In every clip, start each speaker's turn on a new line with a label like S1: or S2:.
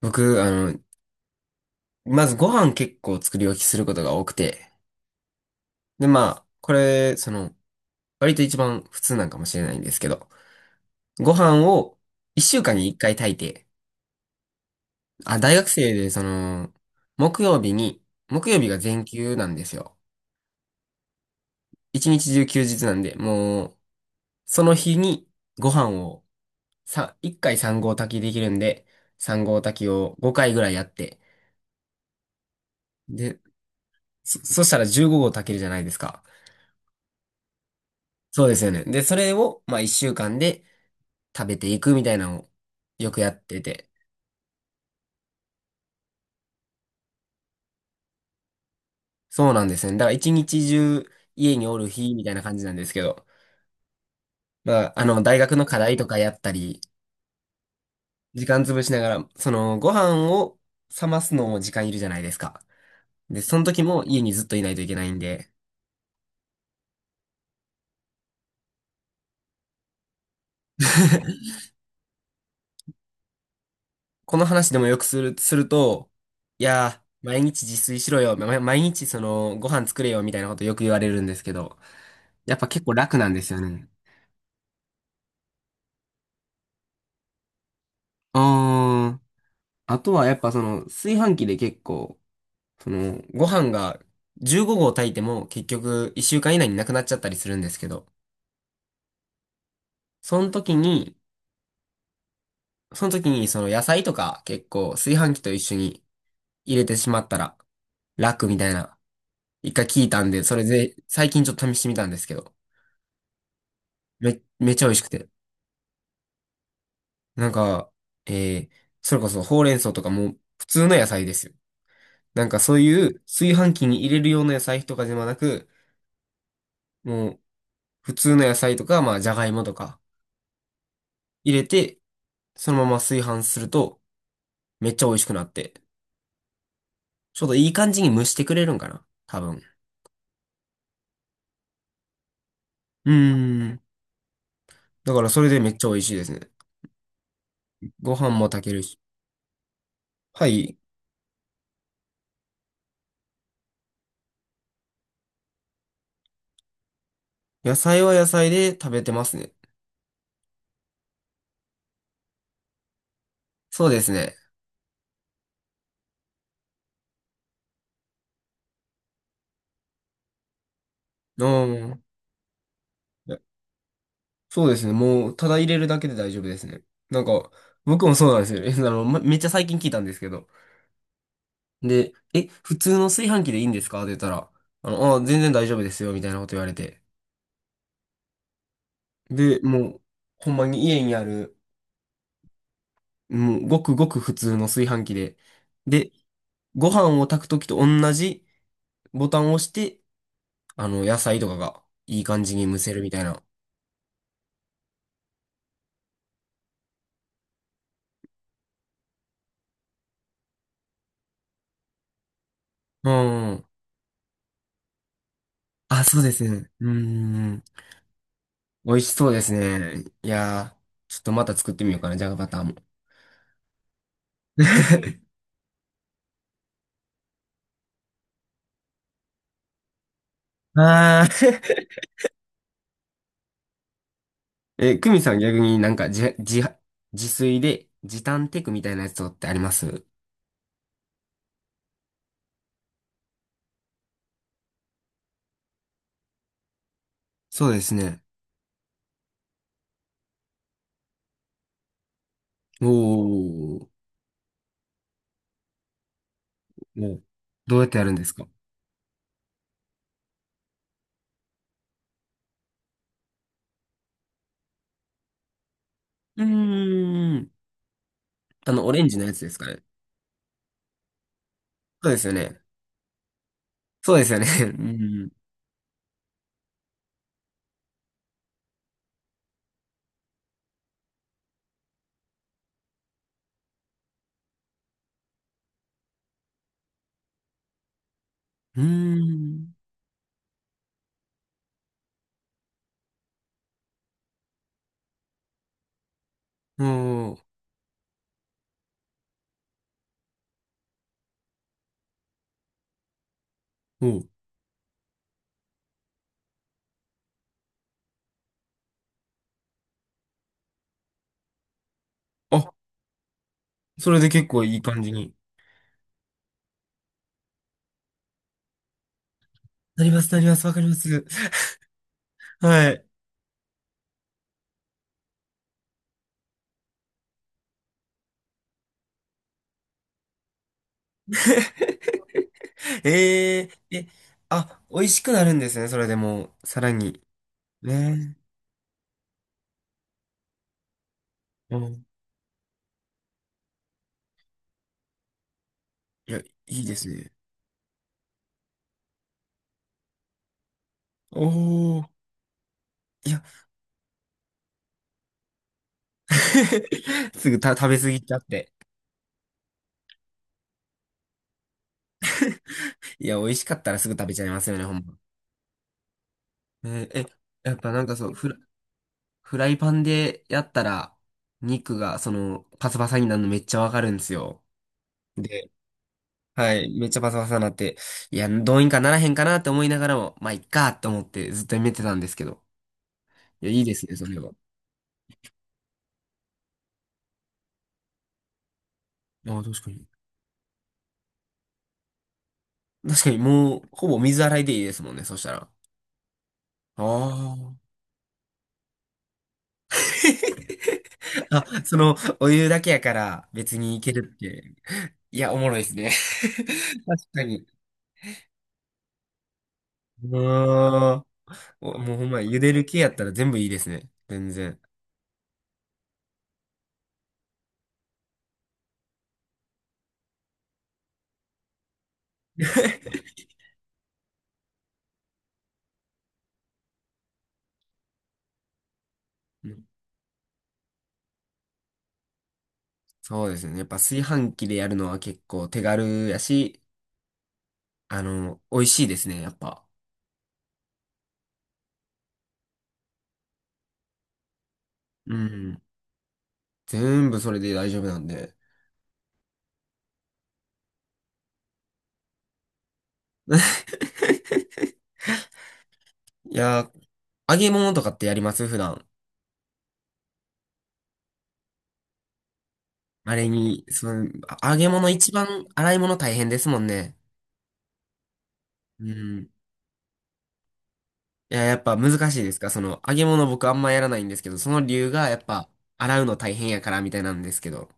S1: 僕、まずご飯結構作り置きすることが多くて、で、まあ、これ、割と一番普通なんかもしれないんですけど、ご飯を一週間に一回炊いて、あ、大学生で、木曜日に、木曜日が全休なんですよ。一日中休日なんで、もう、その日にご飯を、さ、一回三合炊きできるんで、三合炊きを5回ぐらいやって、で、そしたら15合炊けるじゃないですか。そうですよね。で、それを、まあ、一週間で、食べていくみたいなのをよくやってて。そうなんですね。だから一日中家におる日みたいな感じなんですけど。まあ、大学の課題とかやったり、時間潰しながら、ご飯を冷ますのも時間いるじゃないですか。で、その時も家にずっといないといけないんで、この話でもよくする、すると、いやー、毎日自炊しろよ、ま毎日ご飯作れよみたいなことよく言われるんですけど、やっぱ結構楽なんですよね。あーあとはやっぱ炊飯器で結構、ご飯が15合炊いても結局1週間以内になくなっちゃったりするんですけど、その時に、その時にその野菜とか結構炊飯器と一緒に入れてしまったら楽みたいな、一回聞いたんで、それで最近ちょっと試してみたんですけど、めっちゃ美味しくて。なんか、えー、それこそほうれん草とかも普通の野菜ですよ。なんかそういう炊飯器に入れるような野菜とかではなく、もう普通の野菜とか、まあじゃがいもとか、入れて、そのまま炊飯すると、めっちゃ美味しくなって、ちょうどいい感じに蒸してくれるんかな多分。うーん。だからそれでめっちゃ美味しいですね。ご飯も炊けるし。はい。野菜は野菜で食べてますね。そうですね。うん。いやそうですね。もう、ただ入れるだけで大丈夫ですね。なんか、僕もそうなんですよ。えめっちゃ最近聞いたんですけど。で、え、普通の炊飯器でいいんですかって言ったら、全然大丈夫ですよ、みたいなこと言われて。で、もう、ほんまに家にある、もうごくごく普通の炊飯器で。で、ご飯を炊くときと同じボタンを押して、野菜とかがいい感じに蒸せるみたいな。うん。あ、そうですね。うん。美味しそうですね。いやー、ちょっとまた作ってみようかな、じゃがバターも。あーえ、クミさん逆になんか自炊で時短テクみたいなやつとかってありますそうですね。おー。おーどうやってやるんですかうーん。オレンジのやつですかね。そうですよね。そうですよね。うん。うーん。おーおー。あ、それで結構いい感じに。なります、なります、わかります。はい。えー、え、あ、美味しくなるんですね、それでもう、さらに。ねえ。うん。いや、いいですね。おー。いや、すぐた食べ過ぎちゃって。いや、美味しかったらすぐ食べちゃいますよね、ほんま。えーえ、やっぱなんかそう、フライパンでやったら、肉が、パサパサになるのめっちゃわかるんですよ。で、はい、めっちゃパサパサになって、いや、どうにかならへんかなって思いながらも、まあ、いっかって思ってずっとやめてたんですけど。いや、いいですね、それは。ああ、確かに。確かに、もう、ほぼ水洗いでいいですもんね、そしたら。ああ。あ、お湯だけやから別にいけるって。いや、おもろいですね。確かに。うーん。おもうほんま、茹でる系やったら全部いいですね。全然。そうですね。やっぱ炊飯器でやるのは結構手軽やし、美味しいですね、やっぱ。うん。全部それで大丈夫なんで。いやー、揚げ物とかってやります普段。あれに、その、あ揚げ物一番洗い物大変ですもんね。うん。いや、やっぱ難しいですかその、揚げ物僕あんまやらないんですけど、その理由がやっぱ、洗うの大変やからみたいなんですけど。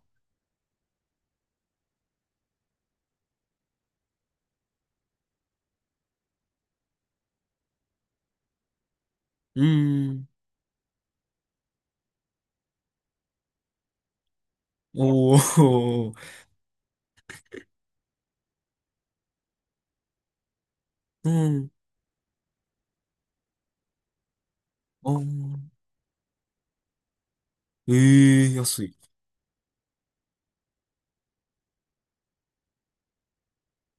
S1: うーん。おー。うん。おー。ええー、安い。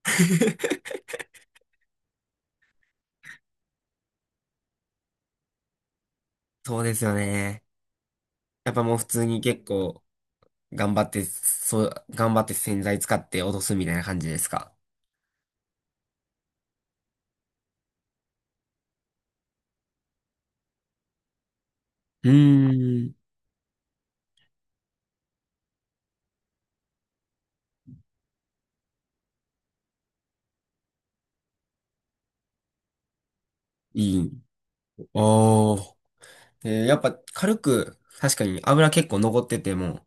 S1: そうですよね。やっぱもう普通に結構頑張って、そう、頑張って洗剤使って落とすみたいな感じですかうーん。いい。おー。えーやっぱ軽く、確かに油結構残ってても、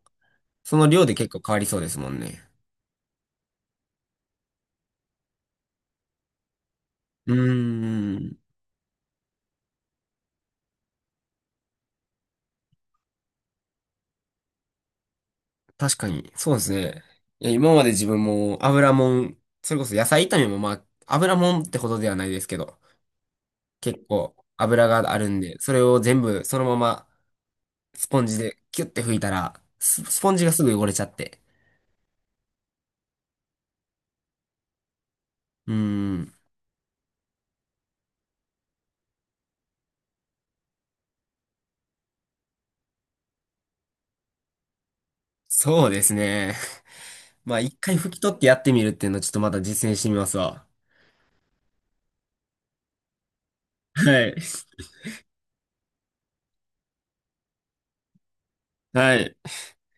S1: その量で結構変わりそうですもんね。うーん。確かに、そうですね。いや、今まで自分も油もん、それこそ野菜炒めもまあ、油もんってほどではないですけど、結構油があるんで、それを全部そのままスポンジでキュッて拭いたら、スポンジがすぐ汚れちゃって。うーん。そうですね。まあ一回拭き取ってやってみるっていうのをちょっとまだ実践してみますわ。はい。はい。